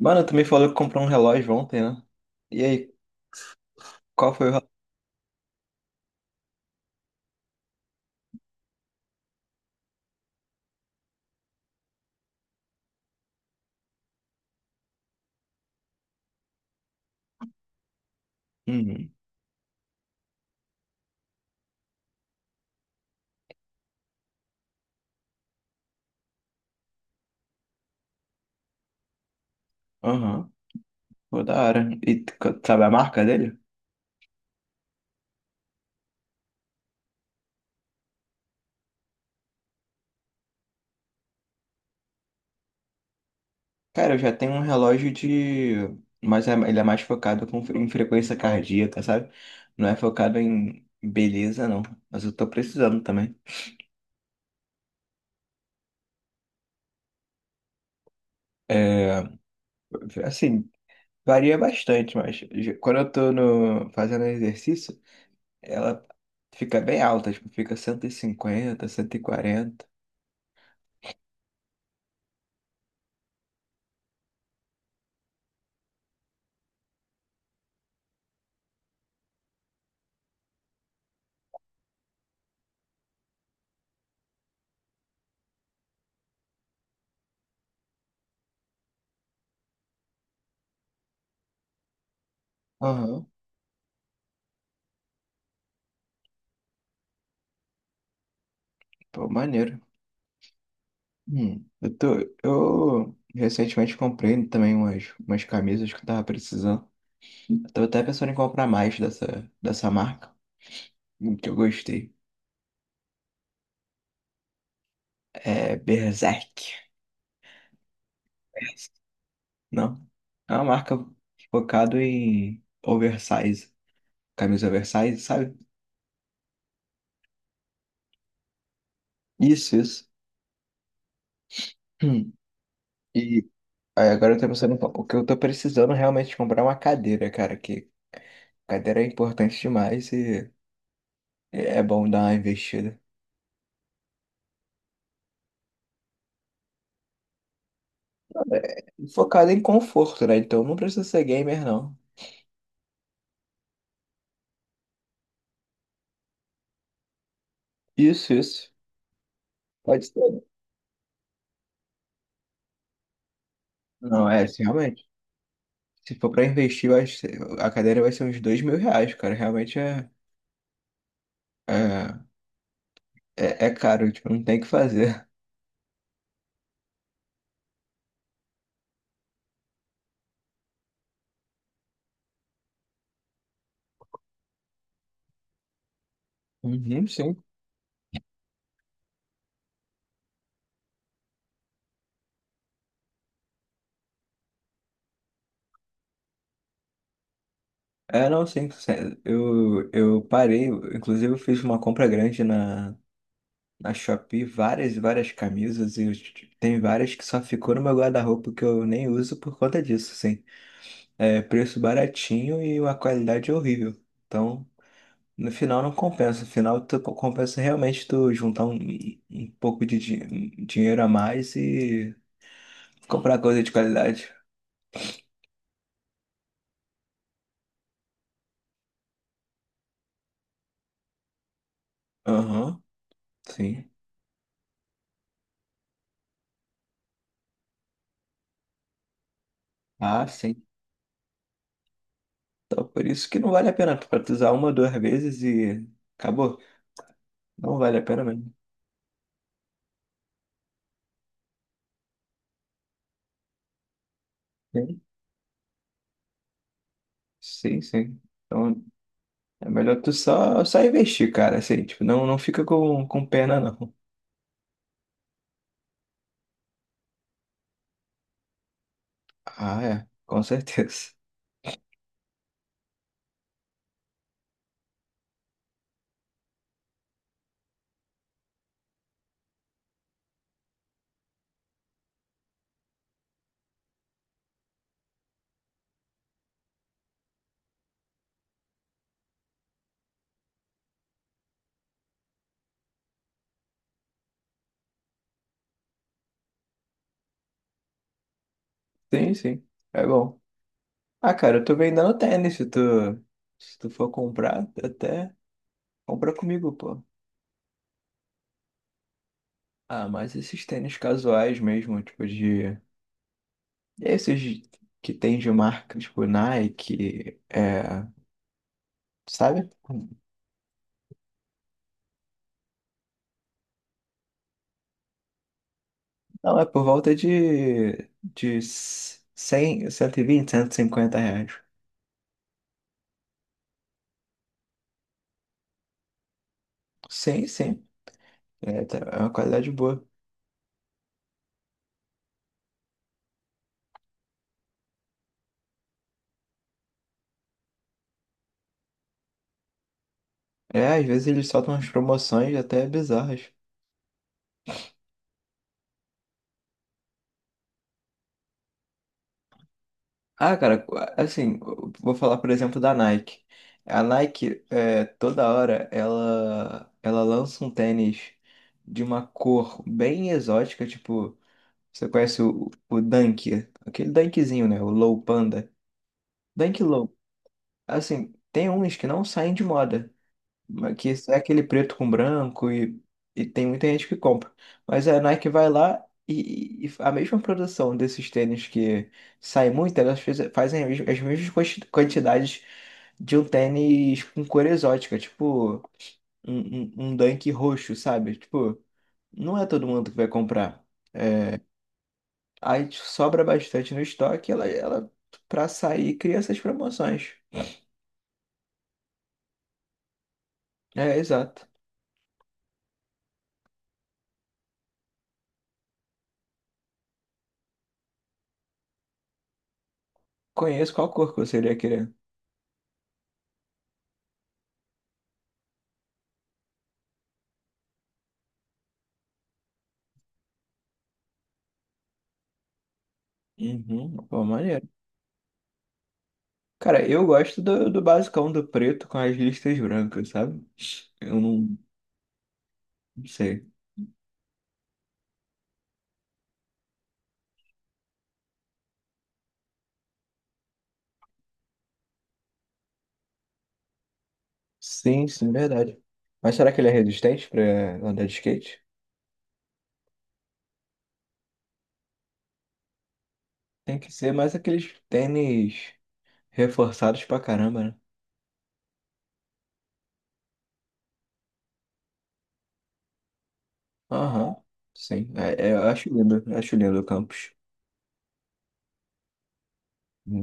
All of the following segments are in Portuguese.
Mano, tu me falou que comprou um relógio ontem, né? E aí, qual foi o relógio? Hum, aham, pô, da hora. E tu sabe a marca dele? Cara, eu já tenho um relógio de. Mas ele é mais focado em frequência cardíaca, sabe? Não é focado em beleza, não. Mas eu tô precisando também. É, assim, varia bastante, mas quando eu tô no, fazendo exercício, ela fica bem alta, tipo, fica 150, 140. Aham, pô, maneiro. Hum, eu tô, eu recentemente comprei também umas camisas que eu tava precisando. Eu tava até pensando em comprar mais dessa marca, um que eu gostei. É Berserk. Não, é uma marca focada em oversize, camisa oversize, sabe? Isso, isso. Hum. E aí agora eu tô pensando, o que eu tô precisando realmente é comprar é uma cadeira, cara, que cadeira é importante demais e é bom dar uma investida. Focado em conforto, né? Então não precisa ser gamer, não. Isso, isso. Pode ser. Não, é, assim, realmente. Se for pra investir, eu acho que a cadeira vai ser uns R$ 2.000, cara. Realmente é, é caro, tipo, não tem o que fazer. Uhum, sim. É, não, sim, sim. Eu parei, inclusive eu fiz uma compra grande na Shopee, várias e várias camisas, e tem várias que só ficou no meu guarda-roupa que eu nem uso por conta disso, sim. É preço baratinho e uma qualidade é horrível. Então, no final não compensa. No final tu compensa realmente tu juntar um pouco de dinheiro a mais e comprar coisa de qualidade. Aham, sim. Ah, sim. Então por isso que não vale a pena pra tu usar uma, duas vezes e acabou. Não vale a pena mesmo. Sim, sim, sim. Então é melhor tu só investir, cara. Assim, tipo, não, não fica com pena, não. Ah, é. Com certeza. Sim, sim. É bom. Ah, cara, eu tô vendendo tênis, se tu for comprar, até compra comigo, pô. Ah, mas esses tênis casuais mesmo, tipo de... Esses que tem de marca, tipo Nike, é... Sabe? Não, é por volta de... De 100, 120, R$ 150. Sim, sim. É, é uma qualidade boa. É, às vezes eles soltam umas promoções até bizarras. Ah, cara, assim, vou falar, por exemplo, da Nike. A Nike, é, toda hora, ela lança um tênis de uma cor bem exótica, tipo, você conhece o Dunk, aquele Dunkzinho, né? O Low Panda. Dunk Low. Assim, tem uns que não saem de moda. Que é aquele preto com branco e tem muita gente que compra. Mas é, a Nike vai lá e a mesma produção desses tênis que sai muito, elas fazem as as mesmas quantidades de um tênis com cor exótica, tipo um Dunk roxo, sabe? Tipo, não é todo mundo que vai comprar. Aí sobra bastante no estoque, ela pra sair cria essas promoções. É, exato. Conheço. Qual cor que você iria querer? Uhum, pô, maneiro. Cara, eu gosto do basicão do preto com as listas brancas, sabe? Eu não sei. Sim, sim, verdade. Mas será que ele é resistente pra andar de skate? Tem que ser mais aqueles tênis reforçados pra caramba, né? Aham, sim. Eu acho lindo o campus. Não.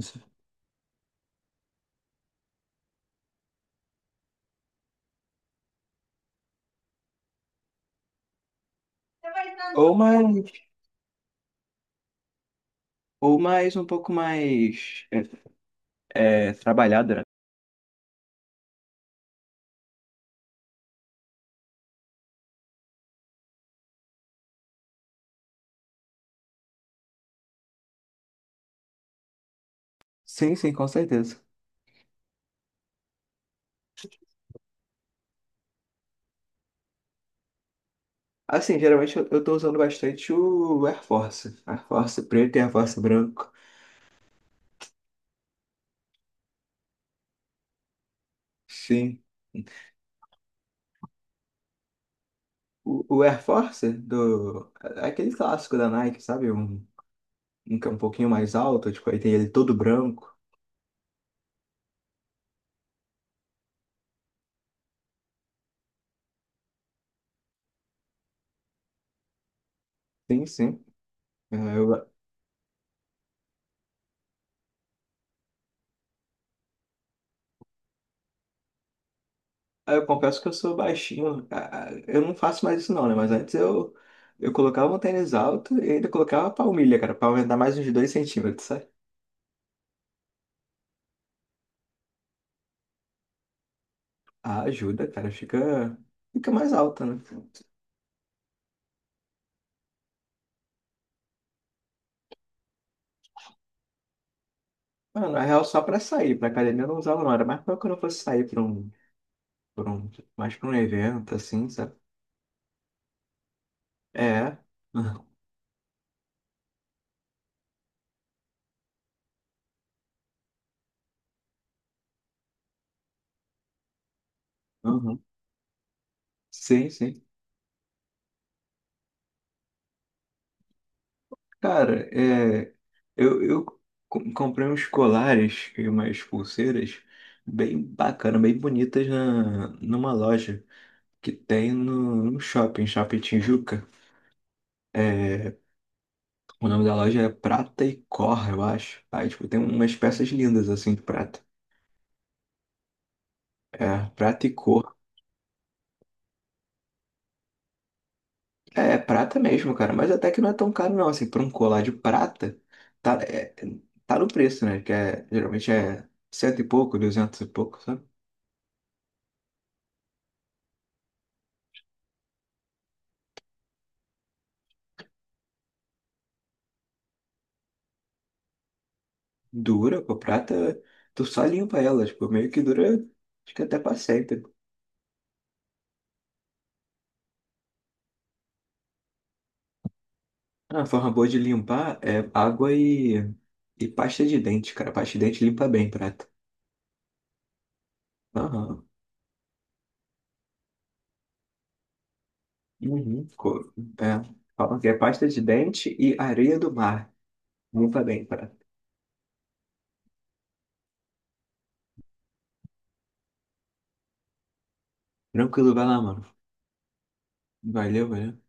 Ou mais, ou mais um pouco mais trabalhado, né? Sim, sim, com certeza. Assim, geralmente eu tô usando bastante o Air Force. Air Force preto e Air Force branco. Sim. O Air Force do. É aquele clássico da Nike, sabe? Um que é um pouquinho mais alto, tipo, aí tem ele todo branco. Sim, sim. É, Eu, eu confesso que eu sou baixinho. Ah, eu não faço mais isso não, né? Mas antes eu colocava um tênis alto e ainda colocava palmilha, cara, pra aumentar mais uns 2 centímetros, sabe? Ah, ajuda, cara. Fica mais alta, né? Mano, na real, só pra sair, pra academia eu não usava não. Era mais pra quando eu fosse sair pra um, mais pra um evento, assim, sabe? É. Aham. Sim, sim. Cara, é, eu comprei uns colares e umas pulseiras bem bacana, bem bonitas numa loja que tem no shopping, Shopping Tijuca. É, o nome da loja é Prata e Cor, eu acho. Aí, tipo, tem umas peças lindas, assim, de prata. É, Prata e Cor. É prata mesmo, cara. Mas até que não é tão caro, não. Assim, pra um colar de prata, tá, é, tá no preço, né? Que é, geralmente é cento e pouco, duzentos e pouco, sabe? Dura, com prata, tu só limpa ela. Tipo, meio que dura, acho que até pra sempre. Ah, uma forma boa de limpar é água e pasta de dente, cara. Pasta de dente limpa bem prata. Aham. Uhum. É. Falam que é pasta de dente e areia do mar. Limpa bem, prata. Tranquilo, vai lá, mano. Valeu, valeu.